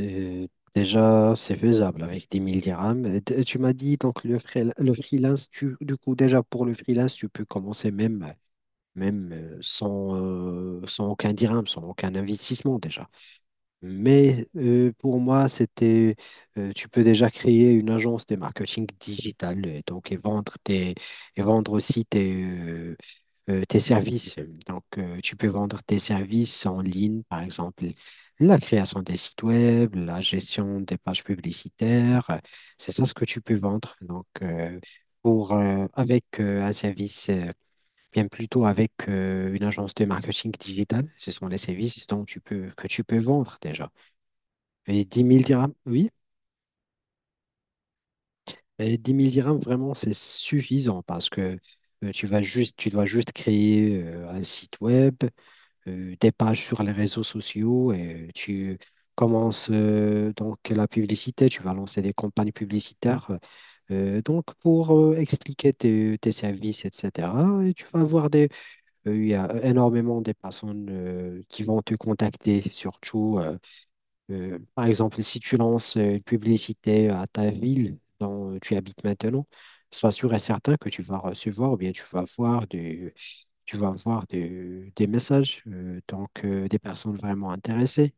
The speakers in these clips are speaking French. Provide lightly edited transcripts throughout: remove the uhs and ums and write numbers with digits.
Euh, Déjà, c'est faisable avec 10 000 dirhams. Et tu m'as dit donc le freelance, du coup, déjà pour le freelance, tu peux commencer même, sans, sans aucun dirham, sans aucun investissement déjà. Pour moi, tu peux déjà créer une agence de marketing digital, donc et vendre et vendre aussi tes services. Donc, tu peux vendre tes services en ligne, par exemple, la création des sites web, la gestion des pages publicitaires. C'est ça ce que tu peux vendre. Donc, pour, avec un service, bien plutôt avec une agence de marketing digital, ce sont les services dont tu peux, que tu peux vendre déjà. Et 10 000 dirhams, oui, et 10 000 dirhams, vraiment, c'est suffisant parce que tu vas juste, tu dois juste créer un site web, des pages sur les réseaux sociaux et tu commences donc la publicité, tu vas lancer des campagnes publicitaires donc pour expliquer tes, tes services, etc. Et tu vas avoir il y a énormément de personnes qui vont te contacter, surtout. Par exemple, si tu lances une publicité à ta ville dont tu habites maintenant, sois sûr et certain que tu vas recevoir ou bien tu vas voir des, tu vas voir des, des messages, donc des personnes vraiment intéressées.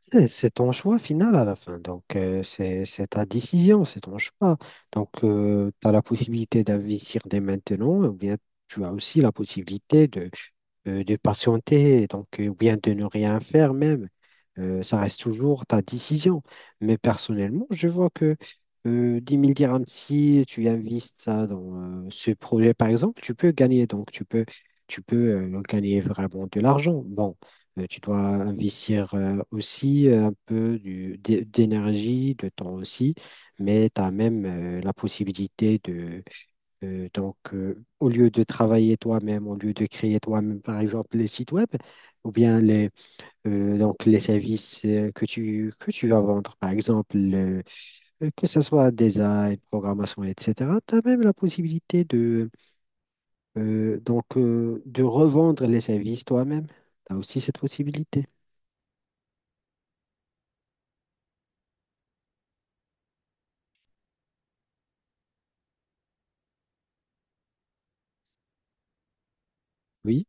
C'est ton choix final à la fin. Donc, c'est ta décision, c'est ton choix. Donc, tu as la possibilité d'investir dès maintenant, ou bien tu as aussi la possibilité de patienter, donc, ou bien de ne rien faire même. Ça reste toujours ta décision. Mais personnellement, je vois que 10 000 dirhams, si tu investis ça dans ce projet, par exemple, tu peux gagner. Donc, tu peux gagner vraiment de l'argent. Bon. Tu dois investir aussi un peu d'énergie, de temps aussi, mais tu as même la possibilité de, au lieu de travailler toi-même, au lieu de créer toi-même, par exemple, les sites web, ou bien les services que tu vas vendre, par exemple, que ce soit design, programmation, etc., tu as même la possibilité de, de revendre les services toi-même. Tu as aussi cette possibilité. Oui.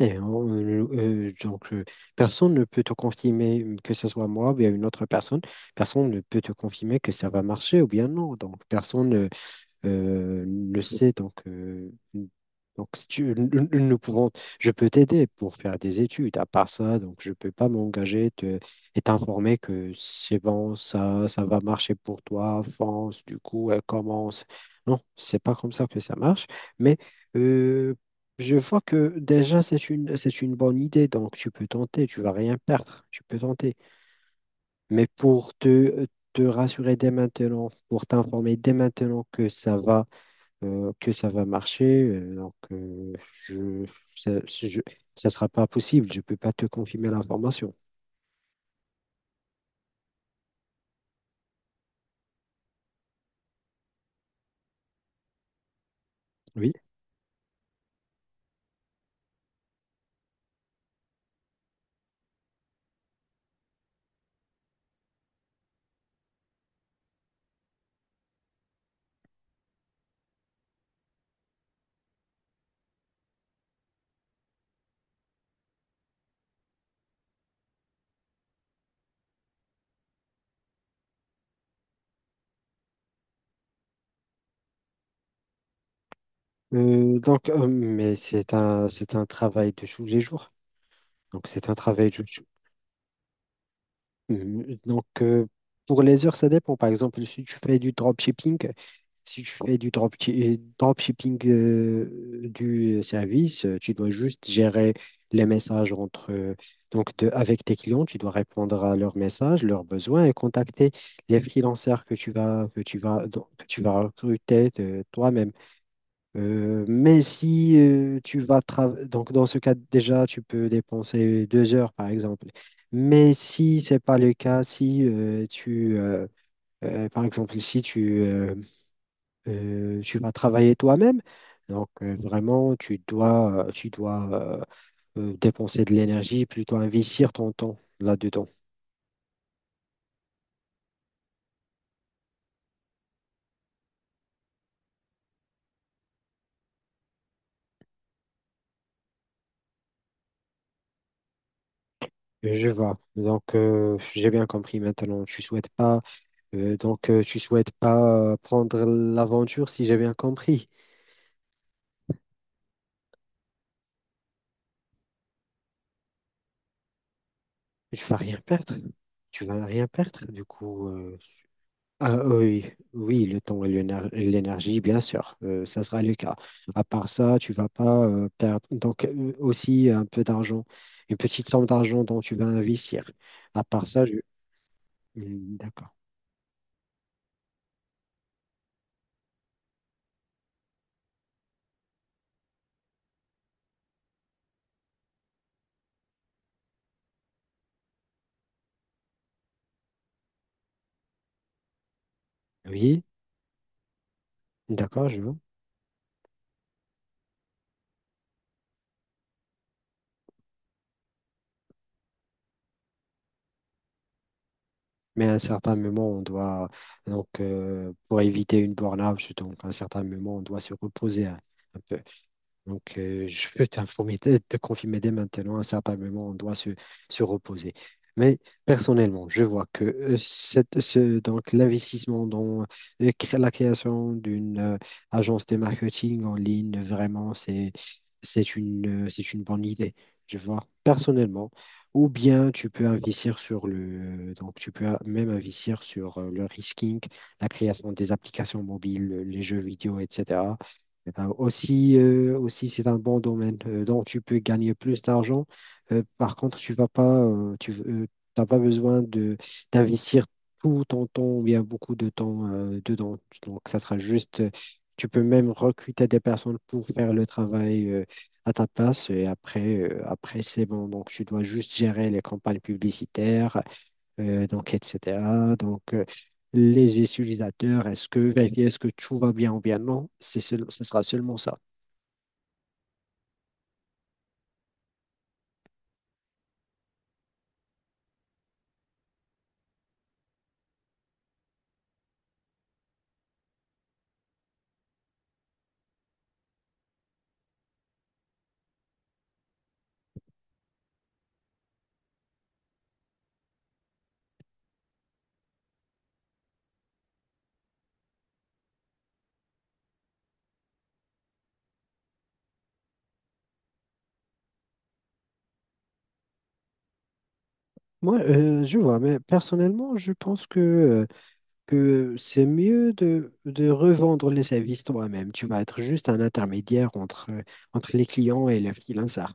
Et on- euh, euh, donc, euh, Personne ne peut te confirmer que ce soit moi ou bien une autre personne. Personne ne peut te confirmer que ça va marcher ou bien non. Donc, personne le sait, donc si tu, nous, nous- nous pouvons, je peux t'aider pour faire des études. À part ça, donc je ne peux pas m'engager te- et t'informer que c'est bon, ça va marcher pour toi, fonce, du coup, elle commence. Non, c'est pas comme ça que ça marche. Mais euh, je vois que déjà, c'est une bonne idée, donc tu peux tenter, tu vas rien perdre, tu peux tenter. Mais pour te, te rassurer dès maintenant, pour t'informer dès maintenant que ça va marcher. Je, Ça, ça sera pas possible. Je peux pas te confirmer l'information. Oui. Mais c'est un travail de tous les jours. Donc, c'est un travail de, Mhm. Donc, pour les heures, ça dépend. Par exemple, si tu fais du dropshipping, si tu fais du dropshipping du service, tu dois juste gérer les messages entre, avec tes clients. Tu dois répondre à leurs messages, leurs besoins et contacter les freelancers que tu vas, donc, que tu vas recruter de toi-même. Mais si tu vas travailler, donc dans ce cas déjà, tu peux dépenser 2 heures par exemple. Mais si c'est pas le cas, si tu, par exemple, si tu, tu vas travailler toi-même, donc vraiment, tu dois dépenser de l'énergie, plutôt investir ton temps là-dedans. Je vois. Donc, j'ai bien compris maintenant. Tu souhaites pas, tu souhaites pas prendre l'aventure, si j'ai bien compris. Je vas rien perdre. Tu vas rien perdre. Oui, oui, le temps et l'énergie, bien sûr, ça sera le cas. À part ça, tu vas pas perdre. Donc aussi un peu d'argent, une petite somme d'argent dont tu vas investir. À part ça, je... Hmm, d'accord. Oui, d'accord, je vois. Mais à un certain moment, on doit donc pour éviter une burn-out, donc à un certain moment, on doit se reposer un peu. Donc, je peux t'informer, te confirmer dès maintenant, à certains moments, on doit se, se reposer. Mais personnellement, je vois que l'investissement dans la création d'une agence de marketing en ligne, vraiment, c'est une bonne idée. Je vois personnellement. Ou bien tu peux investir sur le, donc tu peux même investir sur le risking, la création des applications mobiles, les jeux vidéo, etc. Eh ben, aussi, aussi c'est un bon domaine dont tu peux gagner plus d'argent. Par contre, tu vas pas, tu t'as pas besoin de d'investir tout ton temps ou bien beaucoup de temps dedans. Donc, ça sera juste, tu peux même recruter des personnes pour faire le travail à ta place. Et après, après c'est bon. Donc, tu dois juste gérer les campagnes publicitaires, etc. Donc, les utilisateurs, est-ce que vérifier est-ce que tout va bien ou bien non, ce sera seulement ça. Moi, je vois, mais personnellement, je pense que c'est mieux de revendre les services toi-même. Tu vas être juste un intermédiaire entre, entre les clients et les freelancers.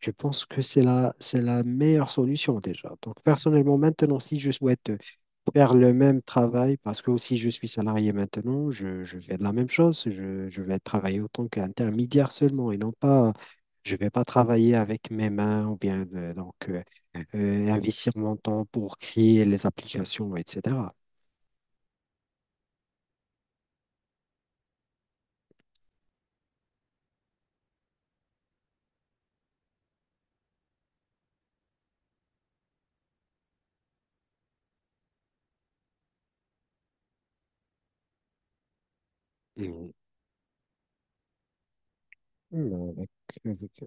Je pense que c'est la meilleure solution déjà. Donc, personnellement, maintenant, si je souhaite faire le même travail, parce que aussi je suis salarié maintenant, je fais de la même chose, je vais travailler autant qu'intermédiaire seulement et non pas, je vais pas travailler avec mes mains ou bien investir mon temps pour créer les applications, etc. Mhm. Avec, avec-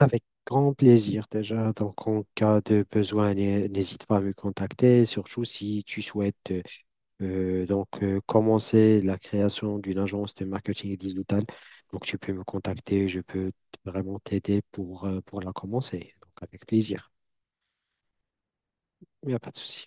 avec grand plaisir déjà. Donc, en cas de besoin, n'hésite pas à me contacter, surtout si tu souhaites commencer la création d'une agence de marketing digital. Donc, tu peux me contacter, je peux vraiment t'aider pour la commencer. Donc, avec plaisir. Il n'y a pas de souci.